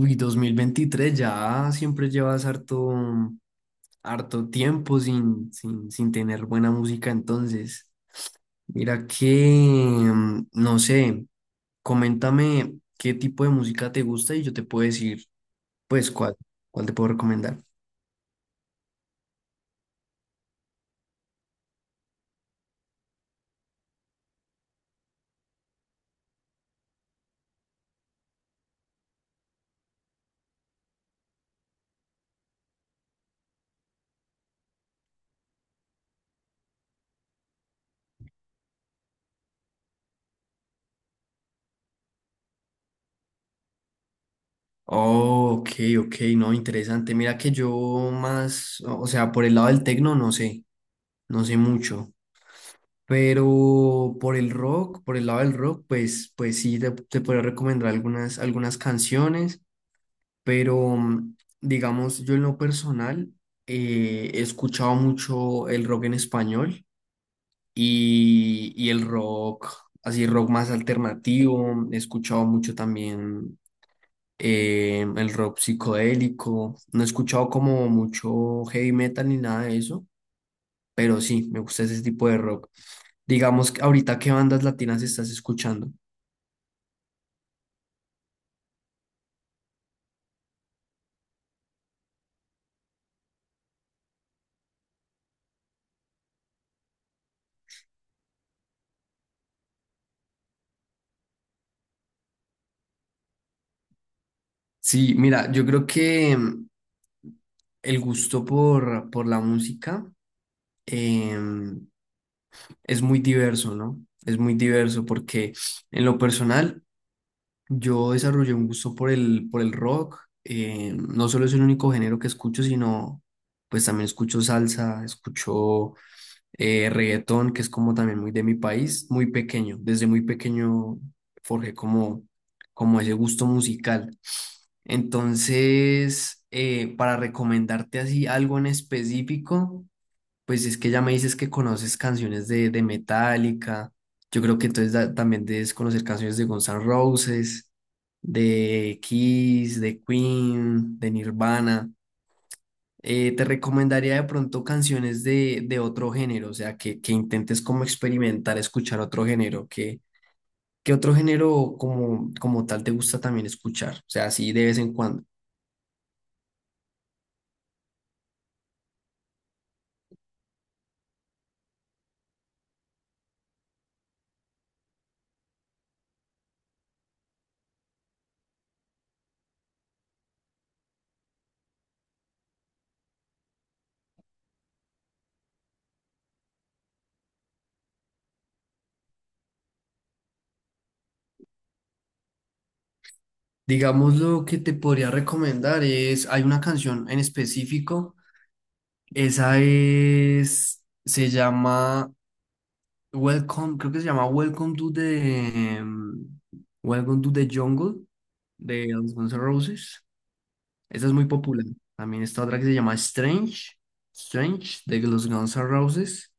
Uy, 2023 ya siempre llevas harto, harto tiempo sin tener buena música, entonces. Mira que, no sé, coméntame qué tipo de música te gusta y yo te puedo decir, pues, cuál te puedo recomendar. Oh, ok, ok, no, interesante. Mira que yo más, o sea, por el lado del tecno, no sé, no sé mucho. Pero por el rock, por el lado del rock, pues, pues sí, te podría recomendar algunas, algunas canciones, pero digamos, yo en lo personal he escuchado mucho el rock en español y el rock, así rock más alternativo, he escuchado mucho también el rock psicodélico, no he escuchado como mucho heavy metal ni nada de eso pero sí, me gusta ese tipo de rock. Digamos, que ahorita, ¿qué bandas latinas estás escuchando? Sí, mira, yo creo que el gusto por la música em, es muy diverso, ¿no? Es muy diverso porque en lo personal yo desarrollé un gusto por por el rock. No solo es el único género que escucho, sino pues también escucho salsa, escucho reggaetón, que es como también muy de mi país, muy pequeño. Desde muy pequeño forjé como, como ese gusto musical. Entonces, para recomendarte así algo en específico, pues es que ya me dices que conoces canciones de Metallica. Yo creo que entonces también debes conocer canciones de Guns N' Roses, de Kiss, de Queen, de Nirvana te recomendaría de pronto canciones de otro género, o sea, que intentes como experimentar, escuchar otro género, que otro género como, como tal te gusta también escuchar, o sea, así de vez en cuando. Digamos, lo que te podría recomendar es, hay una canción en específico, esa es, se llama Welcome, creo que se llama Welcome to the Welcome to the Jungle de los Guns N' Roses. Esa es muy popular. También está otra que se llama Strange, Strange de los Guns N' Roses.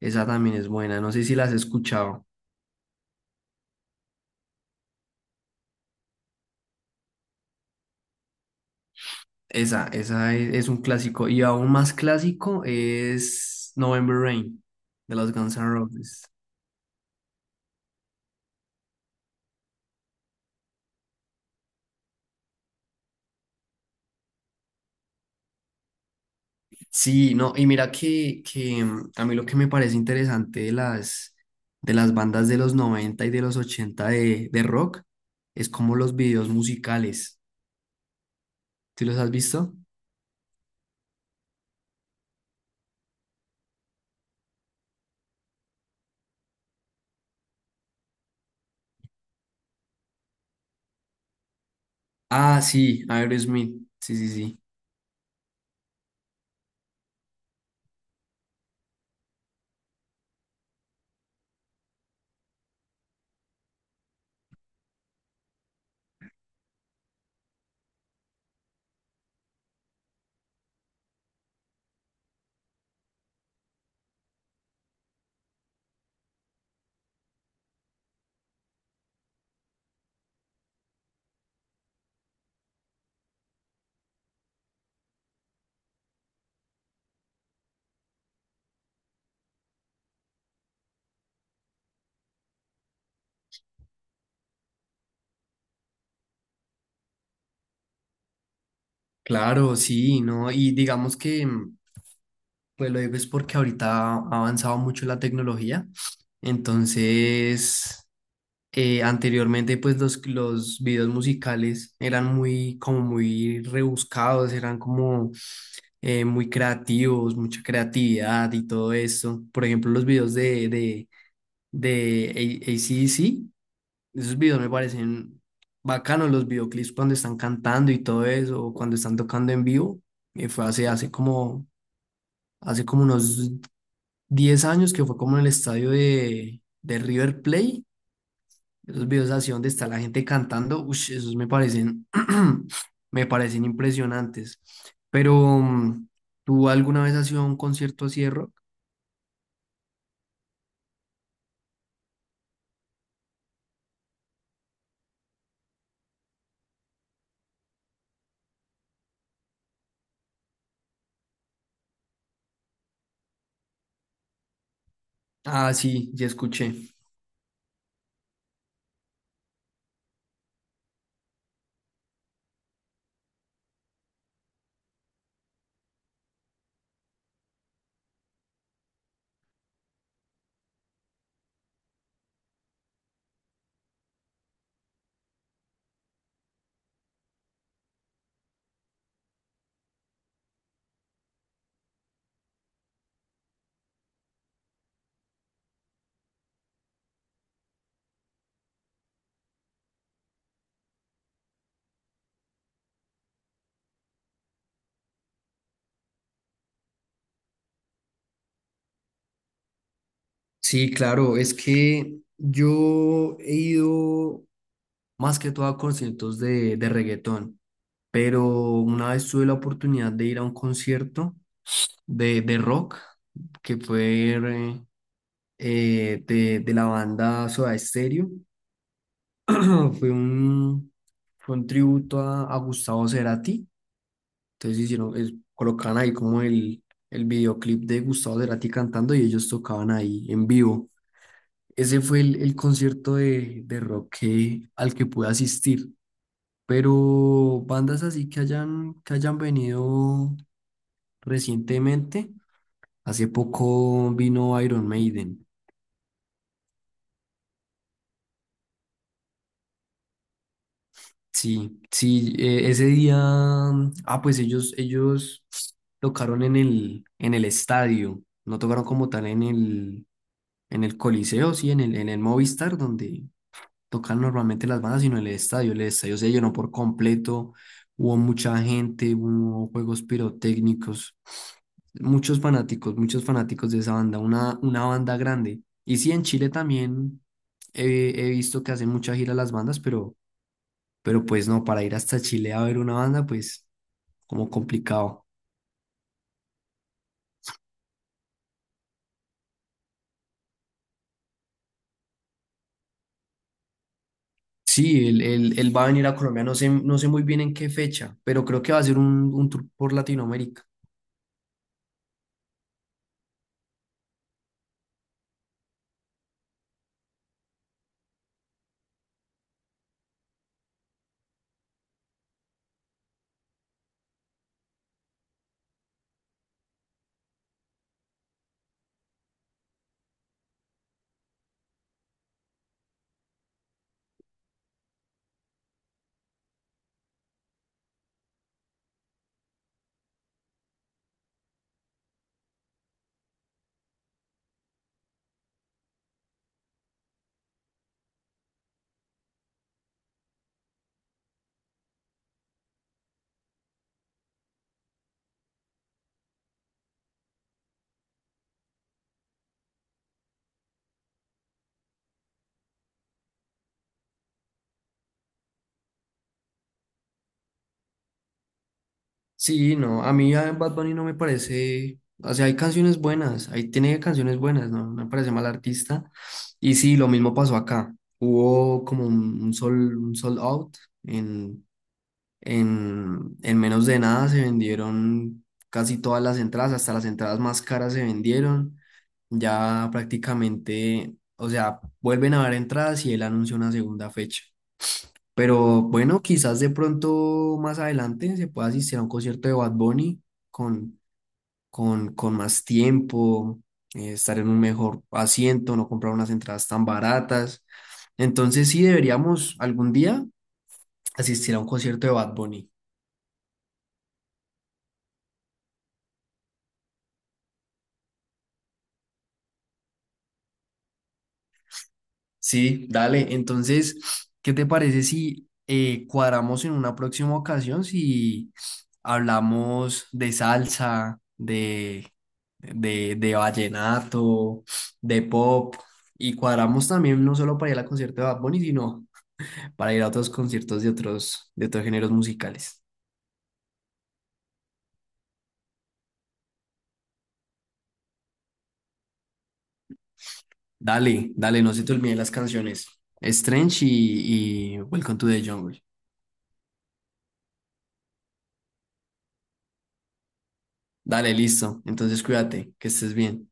Esa también es buena, no sé si la has escuchado. Esa es un clásico. Y aún más clásico es November Rain de los Guns N' Roses. Sí, no, y mira que a mí lo que me parece interesante de las bandas de los 90 y de los 80 de rock es como los videos musicales. ¿Sí los has visto? Ah, sí, Aerosmith. Sí, sí, sí. Claro, sí, ¿no? Y digamos que, pues lo digo es porque ahorita ha avanzado mucho la tecnología. Entonces, anteriormente, pues los videos musicales eran muy, como muy rebuscados, eran como muy creativos, mucha creatividad y todo eso. Por ejemplo, los videos de A- ac C esos videos me parecen bacanos, los videoclips cuando están cantando y todo eso, o cuando están tocando en vivo. Fue hace, hace como unos 10 años que fue como en el estadio de River Plate. Esos videos así donde está la gente cantando, ush, esos me parecen, me parecen impresionantes. Pero, ¿tú alguna vez has ido a un concierto así de rock? Ah, sí, ya escuché. Sí, claro, es que yo he ido más que todo a conciertos de reggaetón, pero una vez tuve la oportunidad de ir a un concierto de rock, que fue de la banda Soda Stereo, fue un, fue un tributo a Gustavo Cerati, entonces hicieron, colocaban ahí como el videoclip de Gustavo Cerati cantando y ellos tocaban ahí en vivo. Ese fue el concierto de rock al que pude asistir. Pero bandas así que hayan venido recientemente, hace poco vino Iron Maiden. Sí, sí, ese día, ah, pues ellos tocaron en el estadio, no tocaron como tal en el Coliseo, sí, en el Movistar, donde, tocan normalmente las bandas, sino el estadio. El estadio se llenó por completo, hubo mucha gente, hubo juegos pirotécnicos, muchos fanáticos de esa banda, una banda grande. Y sí, en Chile también he, he visto que hacen mucha gira las bandas, pero pues no, para ir hasta Chile a ver una banda, pues como complicado. Sí, él, él va a venir a Colombia, no sé, no sé muy bien en qué fecha, pero creo que va a ser un tour por Latinoamérica. Sí, no, a mí a Bad Bunny no me parece, o sea, hay canciones buenas, ahí tiene canciones buenas, ¿no? No me parece mal artista. Y sí, lo mismo pasó acá. Hubo como un sol, un sold out. En, en menos de nada se vendieron casi todas las entradas, hasta las entradas más caras se vendieron. Ya prácticamente, o sea, vuelven a haber entradas y él anunció una segunda fecha. Pero bueno, quizás de pronto más adelante se pueda asistir a un concierto de Bad Bunny con, con más tiempo, estar en un mejor asiento, no comprar unas entradas tan baratas. Entonces sí deberíamos algún día asistir a un concierto de Bad Bunny. Sí, dale. Entonces, ¿qué te parece si cuadramos en una próxima ocasión si hablamos de salsa, de vallenato, de pop? Y cuadramos también no solo para ir al concierto de Bad Bunny, sino para ir a otros conciertos de otros géneros musicales. Dale, dale, no se te olviden las canciones. Strange y Welcome to the Jungle. Dale, listo. Entonces, cuídate, que estés bien.